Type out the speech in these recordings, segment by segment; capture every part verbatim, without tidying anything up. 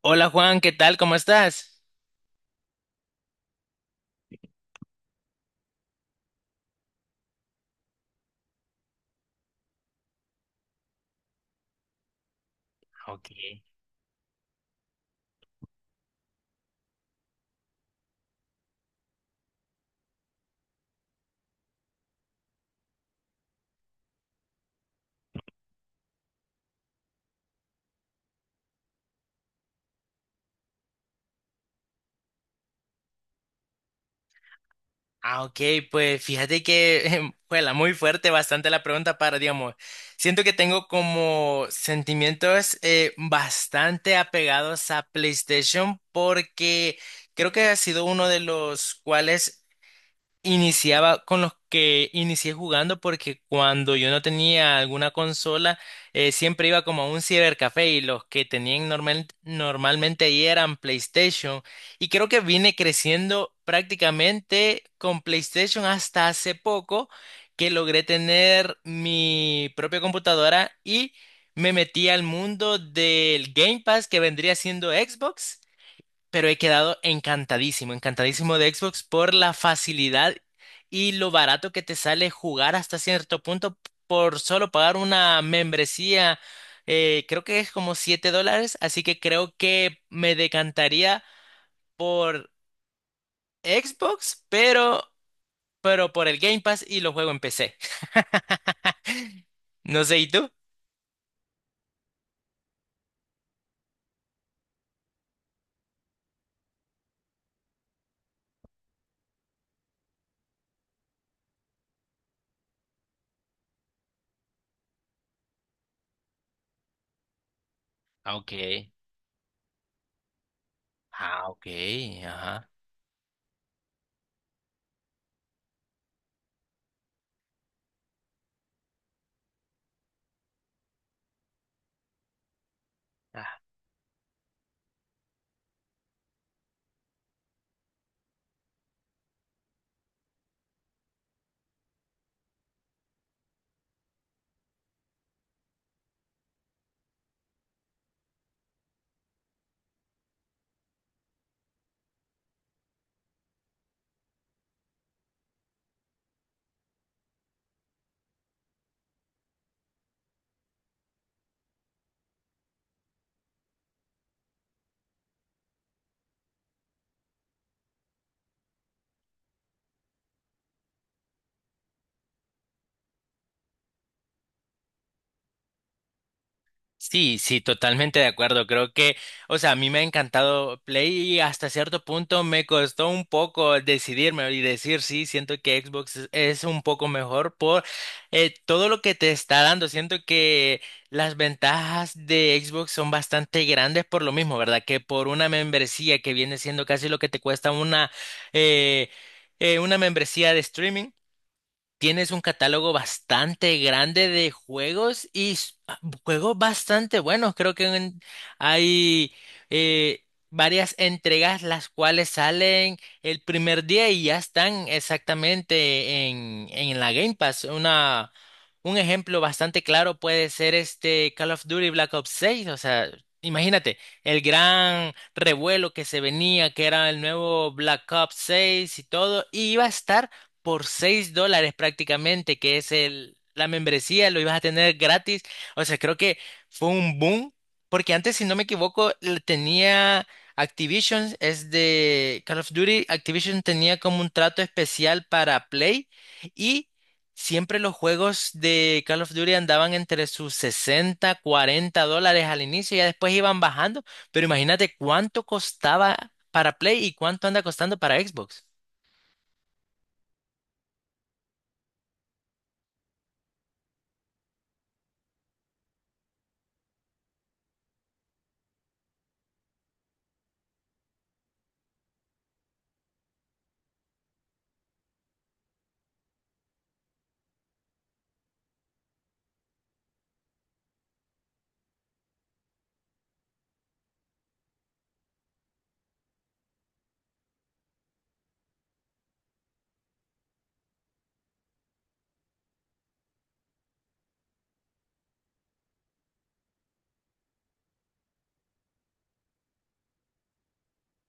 Hola Juan, ¿qué tal? ¿Cómo estás? Ah, ok, pues fíjate que fue muy fuerte, bastante la pregunta para, digamos, siento que tengo como sentimientos eh, bastante apegados a PlayStation, porque creo que ha sido uno de los cuales iniciaba con los que inicié jugando, porque cuando yo no tenía alguna consola, eh, siempre iba como a un cibercafé y los que tenían normal- normalmente ahí eran PlayStation. Y creo que vine creciendo prácticamente con PlayStation hasta hace poco que logré tener mi propia computadora y me metí al mundo del Game Pass, que vendría siendo Xbox, pero he quedado encantadísimo, encantadísimo de Xbox por la facilidad y lo barato que te sale jugar hasta cierto punto por solo pagar una membresía. Eh, Creo que es como siete dólares, así que creo que me decantaría por Xbox, pero, pero por el Game Pass, y lo juego en P C. No sé, ¿y tú? Ah, ok. Ah, ok, ajá. Sí, sí, totalmente de acuerdo. Creo que, o sea, a mí me ha encantado Play, y hasta cierto punto me costó un poco decidirme y decir, sí, siento que Xbox es es un poco mejor por eh, todo lo que te está dando. Siento que las ventajas de Xbox son bastante grandes por lo mismo, ¿verdad? Que por una membresía que viene siendo casi lo que te cuesta una, eh, eh, una membresía de streaming. Tienes un catálogo bastante grande de juegos y s- ah, juegos bastante buenos. Creo que en- hay eh, varias entregas, las cuales salen el primer día y ya están exactamente en, en la Game Pass. Una, un ejemplo bastante claro puede ser este Call of Duty Black Ops seis. O sea, imagínate el gran revuelo que se venía, que era el nuevo Black Ops seis y todo, y iba a estar por seis dólares prácticamente, que es el, la membresía, lo ibas a tener gratis. O sea, creo que fue un boom, porque antes, si no me equivoco, le tenía Activision, es de Call of Duty, Activision tenía como un trato especial para Play, y siempre los juegos de Call of Duty andaban entre sus sesenta cuarenta dólares al inicio y ya después iban bajando, pero imagínate cuánto costaba para Play y cuánto anda costando para Xbox.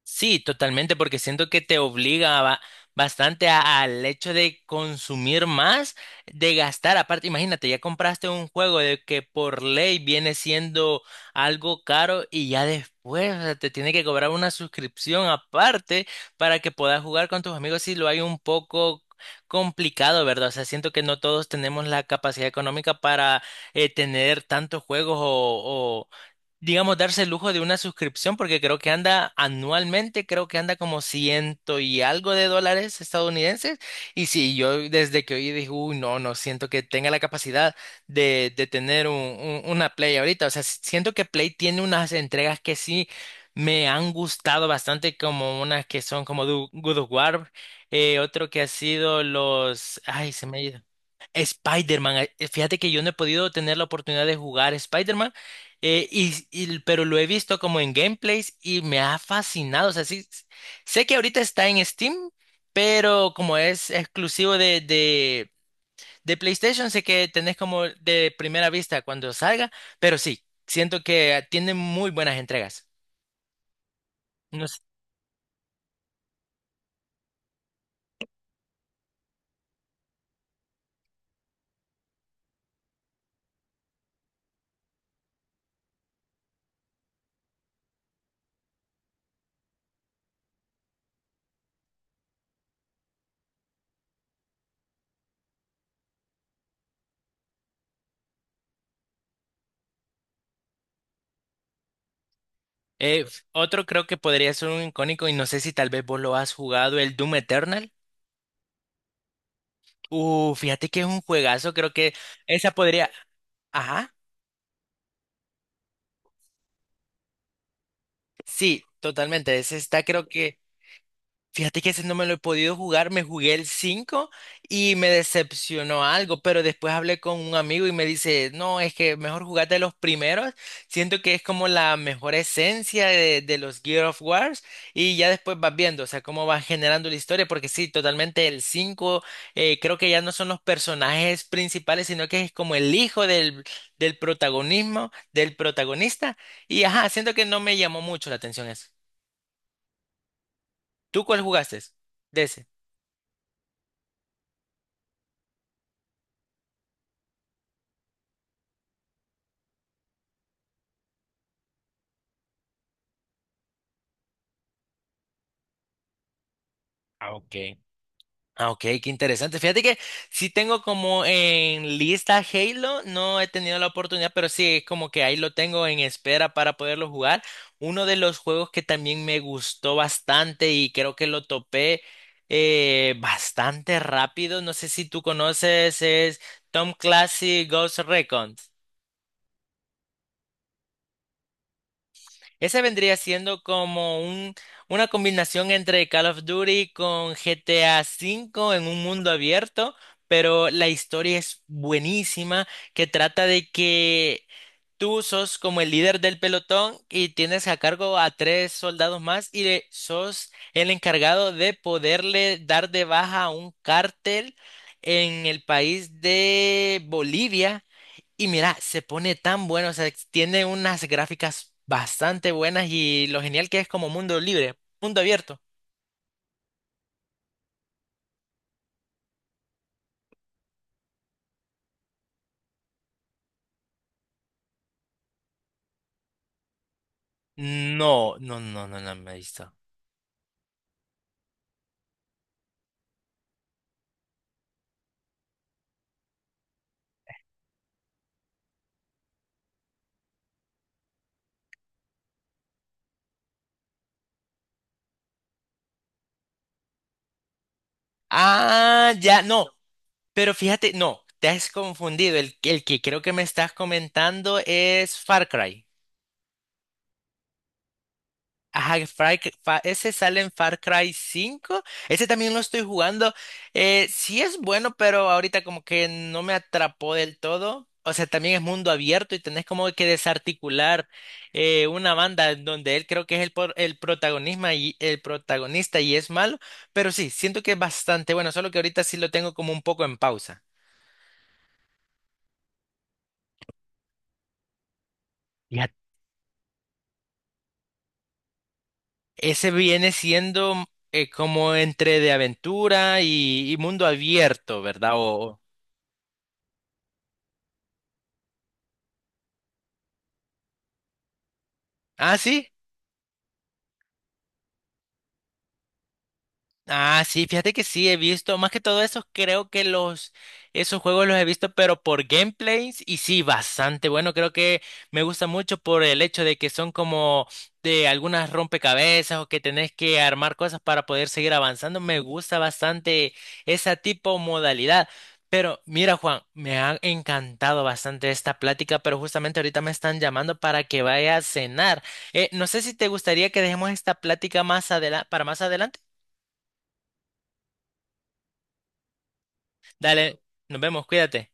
Sí, totalmente, porque siento que te obliga ba- bastante a- al hecho de consumir más, de gastar. Aparte, imagínate, ya compraste un juego de que por ley viene siendo algo caro, y ya después, o sea, te tiene que cobrar una suscripción aparte para que puedas jugar con tus amigos si lo hay un poco complicado, ¿verdad? O sea, siento que no todos tenemos la capacidad económica para eh, tener tantos juegos o, digamos, darse el lujo de una suscripción, porque creo que anda anualmente, creo que anda como ciento y algo de dólares estadounidenses. Y sí, yo desde que oí dije, uy, no, no siento que tenga la capacidad de, de tener un- un- una Play ahorita. O sea, s- siento que Play tiene unas entregas que sí me han gustado bastante, como unas que son como Du- God of War, eh, otro que ha sido los... Ay, se me ha ido. Spider-Man, eh, fíjate que yo no he podido tener la oportunidad de jugar Spider-Man, eh, y, y- pero lo he visto como en gameplays y me ha fascinado. O sea, sí, s- sé que ahorita está en Steam, pero como es exclusivo de, de, de PlayStation, sé que tenés como de primera vista cuando salga, pero sí, siento que tiene muy buenas entregas. No sé. Eh, f- otro creo que podría ser un icónico, y no sé si tal vez vos lo has jugado, el Doom Eternal. Uh, fíjate que es un juegazo, creo que esa podría... Ajá, sí, totalmente. Ese está creo que... Fíjate que ese no me lo he podido jugar, me jugué el cinco y me decepcionó algo, pero después hablé con un amigo y me dice, no, es que mejor jugate los primeros, siento que es como la mejor esencia de, de los Gear of Wars, y ya después vas viendo, o sea, cómo vas generando la historia, porque sí, totalmente el cinco eh, creo que ya no son los personajes principales, sino que es como el hijo del, del protagonismo, del protagonista, y ajá, siento que no me llamó mucho la atención eso. ¿Tú cuál jugaste? De ese. Ah, ok. Ah, ok, qué interesante. Fíjate que sí tengo como en lista Halo, no he tenido la oportunidad, pero sí es como que ahí lo tengo en espera para poderlo jugar. Uno de los juegos que también me gustó bastante, y creo que lo topé eh, bastante rápido, no sé si tú conoces, es Tom Clancy Ghost Recon. Ese vendría siendo como un, una combinación entre Call of Duty con G T A V en un mundo abierto, pero la historia es buenísima, que trata de que tú sos como el líder del pelotón y tienes a cargo a tres soldados más, y le- sos el encargado de poderle dar de baja a un cártel en el país de Bolivia, y mira, se pone tan bueno, o sea, tiene unas gráficas bastante buenas, y lo genial que es como mundo libre, mundo abierto. No, no, no, no, no me he visto. Ah, ya, no, pero fíjate, no, te has confundido. El, el que creo que me estás comentando es Far Cry. Ajá, que Far Cry- Fa- ese sale en Far Cry cinco. Ese también lo estoy jugando. Eh, sí es bueno, pero ahorita como que no me atrapó del todo. O sea, también es mundo abierto y tenés como que desarticular eh, una banda en donde él creo que es el, por- el protagonismo y el protagonista y es malo. Pero sí, siento que es bastante bueno, solo que ahorita sí lo tengo como un poco en pausa. Ya. Ese viene siendo eh, como entre de aventura y, y mundo abierto, ¿verdad? O, o- ah, sí. Ah, sí, fíjate que sí, he visto, más que todo esos, creo que los, esos juegos los he visto, pero por gameplays, y sí, bastante bueno, creo que me gusta mucho por el hecho de que son como de algunas rompecabezas o que tenés que armar cosas para poder seguir avanzando, me gusta bastante esa tipo modalidad. Pero mira, Juan, me ha encantado bastante esta plática, pero justamente ahorita me están llamando para que vaya a cenar. Eh, no sé si te gustaría que dejemos esta plática más adela- para más adelante. Dale, nos vemos, cuídate.